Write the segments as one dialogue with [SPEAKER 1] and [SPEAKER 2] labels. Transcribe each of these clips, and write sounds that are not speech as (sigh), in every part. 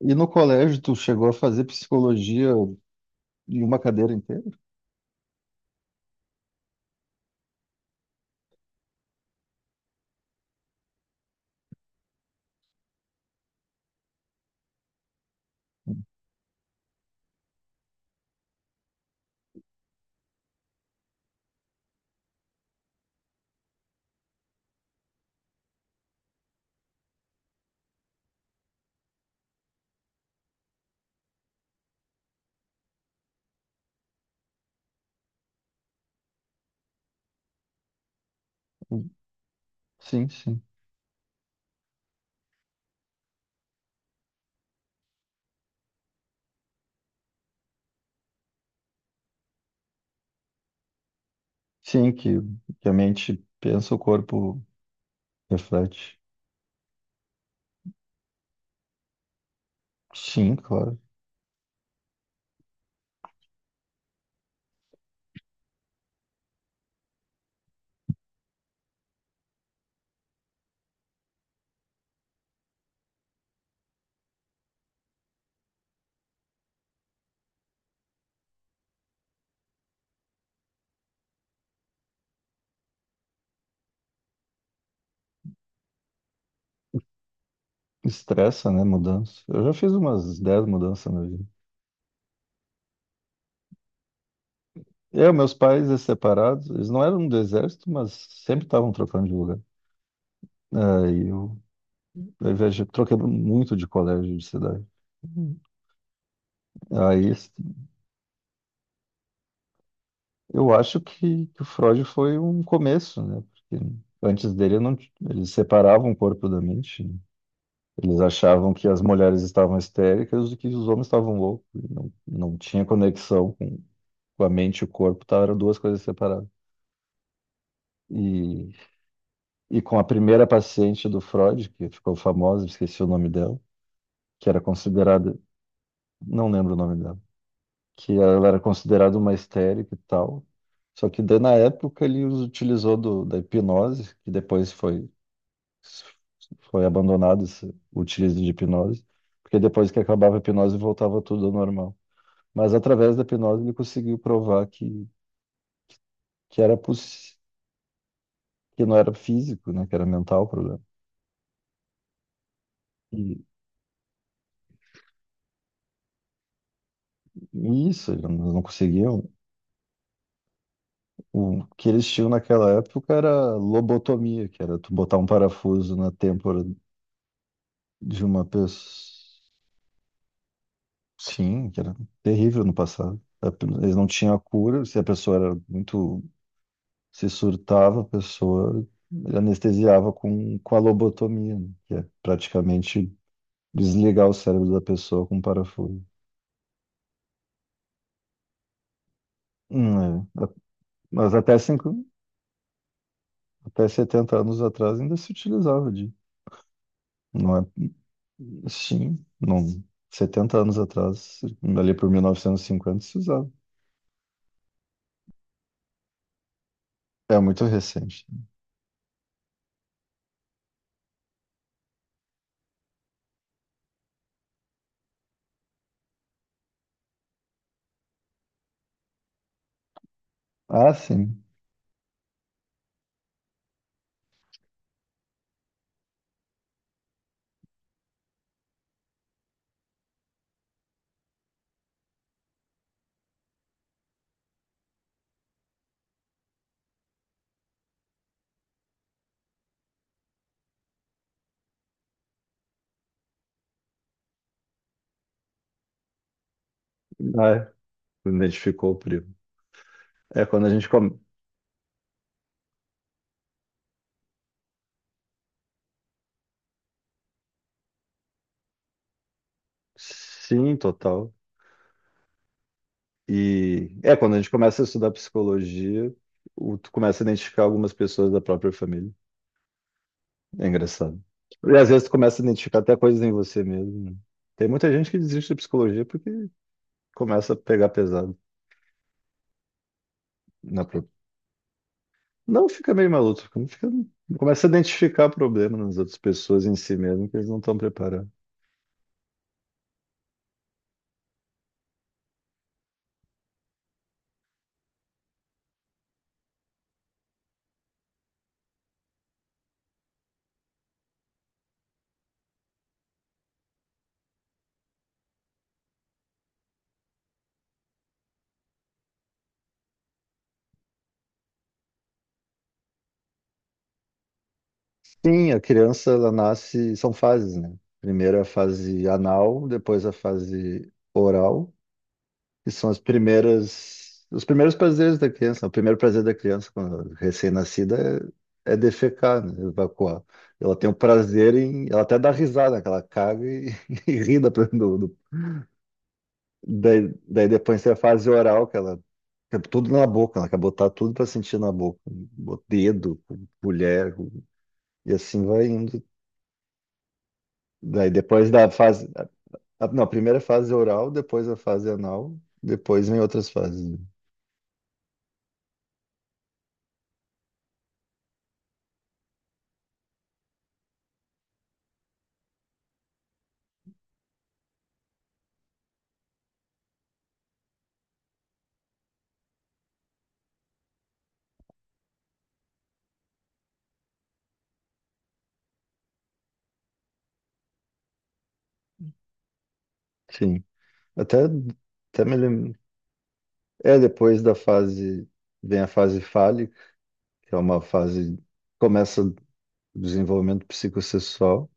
[SPEAKER 1] E no colégio, tu chegou a fazer psicologia em uma cadeira inteira? Sim, sim. Sim, que a mente pensa, o corpo reflete. Sim, claro. Estressa, né? Mudança. Eu já fiz umas 10 mudanças na vida. Eu, meus pais, eles separados, eles não eram do exército, mas sempre estavam trocando de lugar. Aí eu viajei, troquei muito de colégio, de cidade. Aí eu acho que o Freud foi um começo, né? Porque antes dele não, eles separavam o corpo da mente, né? Eles achavam que as mulheres estavam histéricas e que os homens estavam loucos. E não, não tinha conexão com a mente e o corpo, tá? Eram duas coisas separadas. E, e com a primeira paciente do Freud, que ficou famosa, esqueci o nome dela, que era considerada, não lembro o nome dela, que ela era considerada uma histérica e tal. Só que daí, na época ele os utilizou da hipnose, que depois foi abandonado o utilizam de hipnose, porque depois que acabava a hipnose voltava tudo ao normal. Mas através da hipnose ele conseguiu provar que era poss... que não era físico, né, que era mental o problema. E, e isso, eles não conseguiam. O que eles tinham naquela época era lobotomia, que era tu botar um parafuso na têmpora de uma pessoa. Sim, que era terrível no passado. Eles não tinham a cura, se a pessoa era muito, se surtava a pessoa, anestesiava com a lobotomia, né? Que é praticamente desligar o cérebro da pessoa com um parafuso. É. Mas até 70 anos atrás ainda se utilizava de. Não é? Sim, não. 70 anos atrás, ali por 1950 se usava. É muito recente. Ah, sim. Ah, é. Identificou o primo. É quando a gente come. Sim, total. E é, quando a gente começa a estudar psicologia, tu começa a identificar algumas pessoas da própria família. É engraçado. E às vezes tu começa a identificar até coisas em você mesmo, né? Tem muita gente que desiste da psicologia porque começa a pegar pesado na própria. Não fica meio maluco, começa a identificar problemas nas outras pessoas em si mesmo que eles não estão preparados. Sim, a criança ela nasce, são fases, né? Primeiro a fase anal, depois a fase oral, que são as primeiras, os primeiros prazeres da criança. O primeiro prazer da criança quando é recém-nascida é defecar, né? Evacuar. Ela tem o prazer em, ela até dá risada, que ela caga e, (laughs) e ri daí depois tem a fase oral, que ela é tudo na boca, ela quer botar tudo para sentir na boca, o dedo, mulher, e assim vai indo. Daí depois da fase, não, a primeira é fase oral, depois a fase anal, depois vem outras fases, né. Sim. Até, até me lembro. É, depois da fase, vem a fase fálica, que é uma fase, começa o desenvolvimento psicossexual,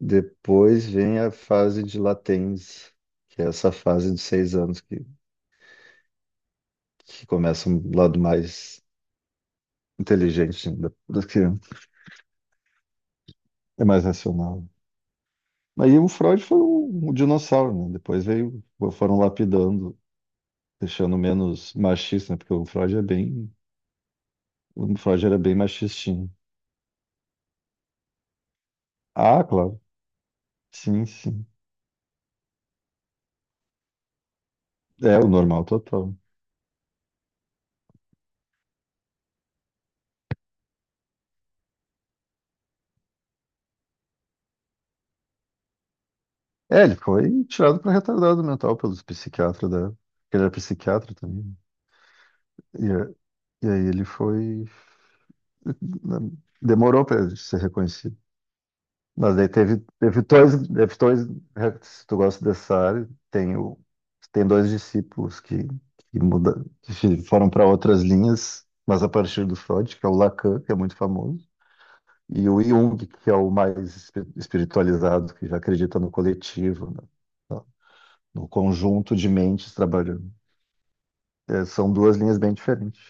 [SPEAKER 1] depois vem a fase de latência, que é essa fase de 6 anos que começa um lado mais inteligente da criança, é mais racional. Mas aí o Freud foi um dinossauro, né? Depois veio, foram lapidando, deixando menos machista, né? Porque o Freud é bem, o Freud era bem machistinho. Ah, claro. Sim, sim. É o normal total. É, ele foi tirado para retardado mental pelos psiquiatras da. Ele era psiquiatra também, né? E aí ele foi, né, demorou para ser reconhecido. Mas daí teve dois. É, se tu gosta dessa área, tem, tem dois discípulos que foram para outras linhas, mas a partir do Freud, que é o Lacan, que é muito famoso, e o Jung, que é o mais espiritualizado, que já acredita no coletivo, né, no conjunto de mentes trabalhando. É, são duas linhas bem diferentes.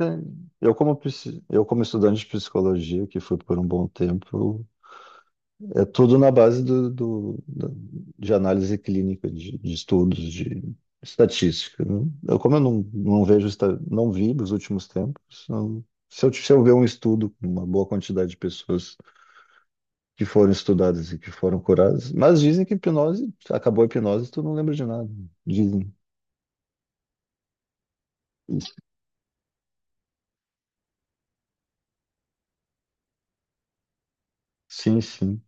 [SPEAKER 1] É, eu como estudante de psicologia, que fui por um bom tempo, é tudo na base de análise clínica, de estudos, de estatística, né? Eu, como eu não, não vejo, não vi nos últimos tempos, se eu ver um estudo com uma boa quantidade de pessoas que foram estudadas e que foram curadas, mas dizem que hipnose, acabou a hipnose, tu não lembra de nada. Dizem. Sim, sim.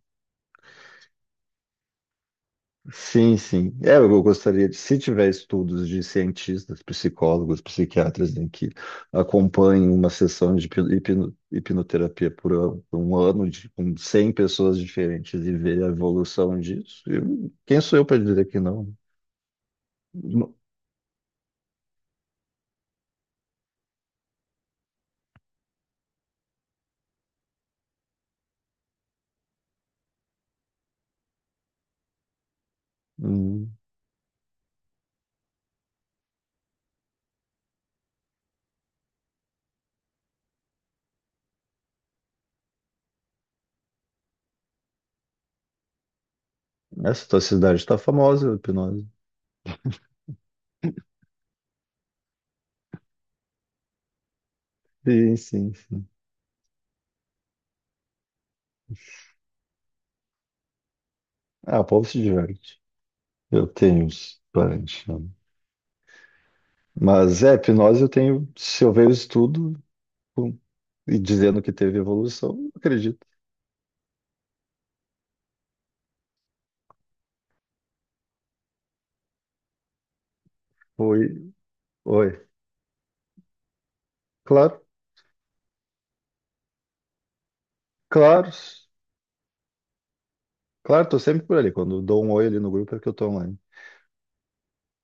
[SPEAKER 1] Sim, sim. É, eu gostaria de, se tiver estudos de cientistas, psicólogos, psiquiatras em que acompanhem uma sessão de hipnoterapia por um ano de, com 100 pessoas diferentes e ver a evolução disso, quem sou eu para dizer que não? Não- hum, Essa tua cidade está famosa, a hipnose. Sim, sim, sim. Ah, o povo se diverte. Eu tenho uns parentes, né? Mas é, hipnose eu tenho, se eu ver o estudo. E dizendo que teve evolução, não acredito. Oi, oi. Claro, claro, claro, tô sempre por ali. Quando dou um oi ali no grupo é que eu tô online.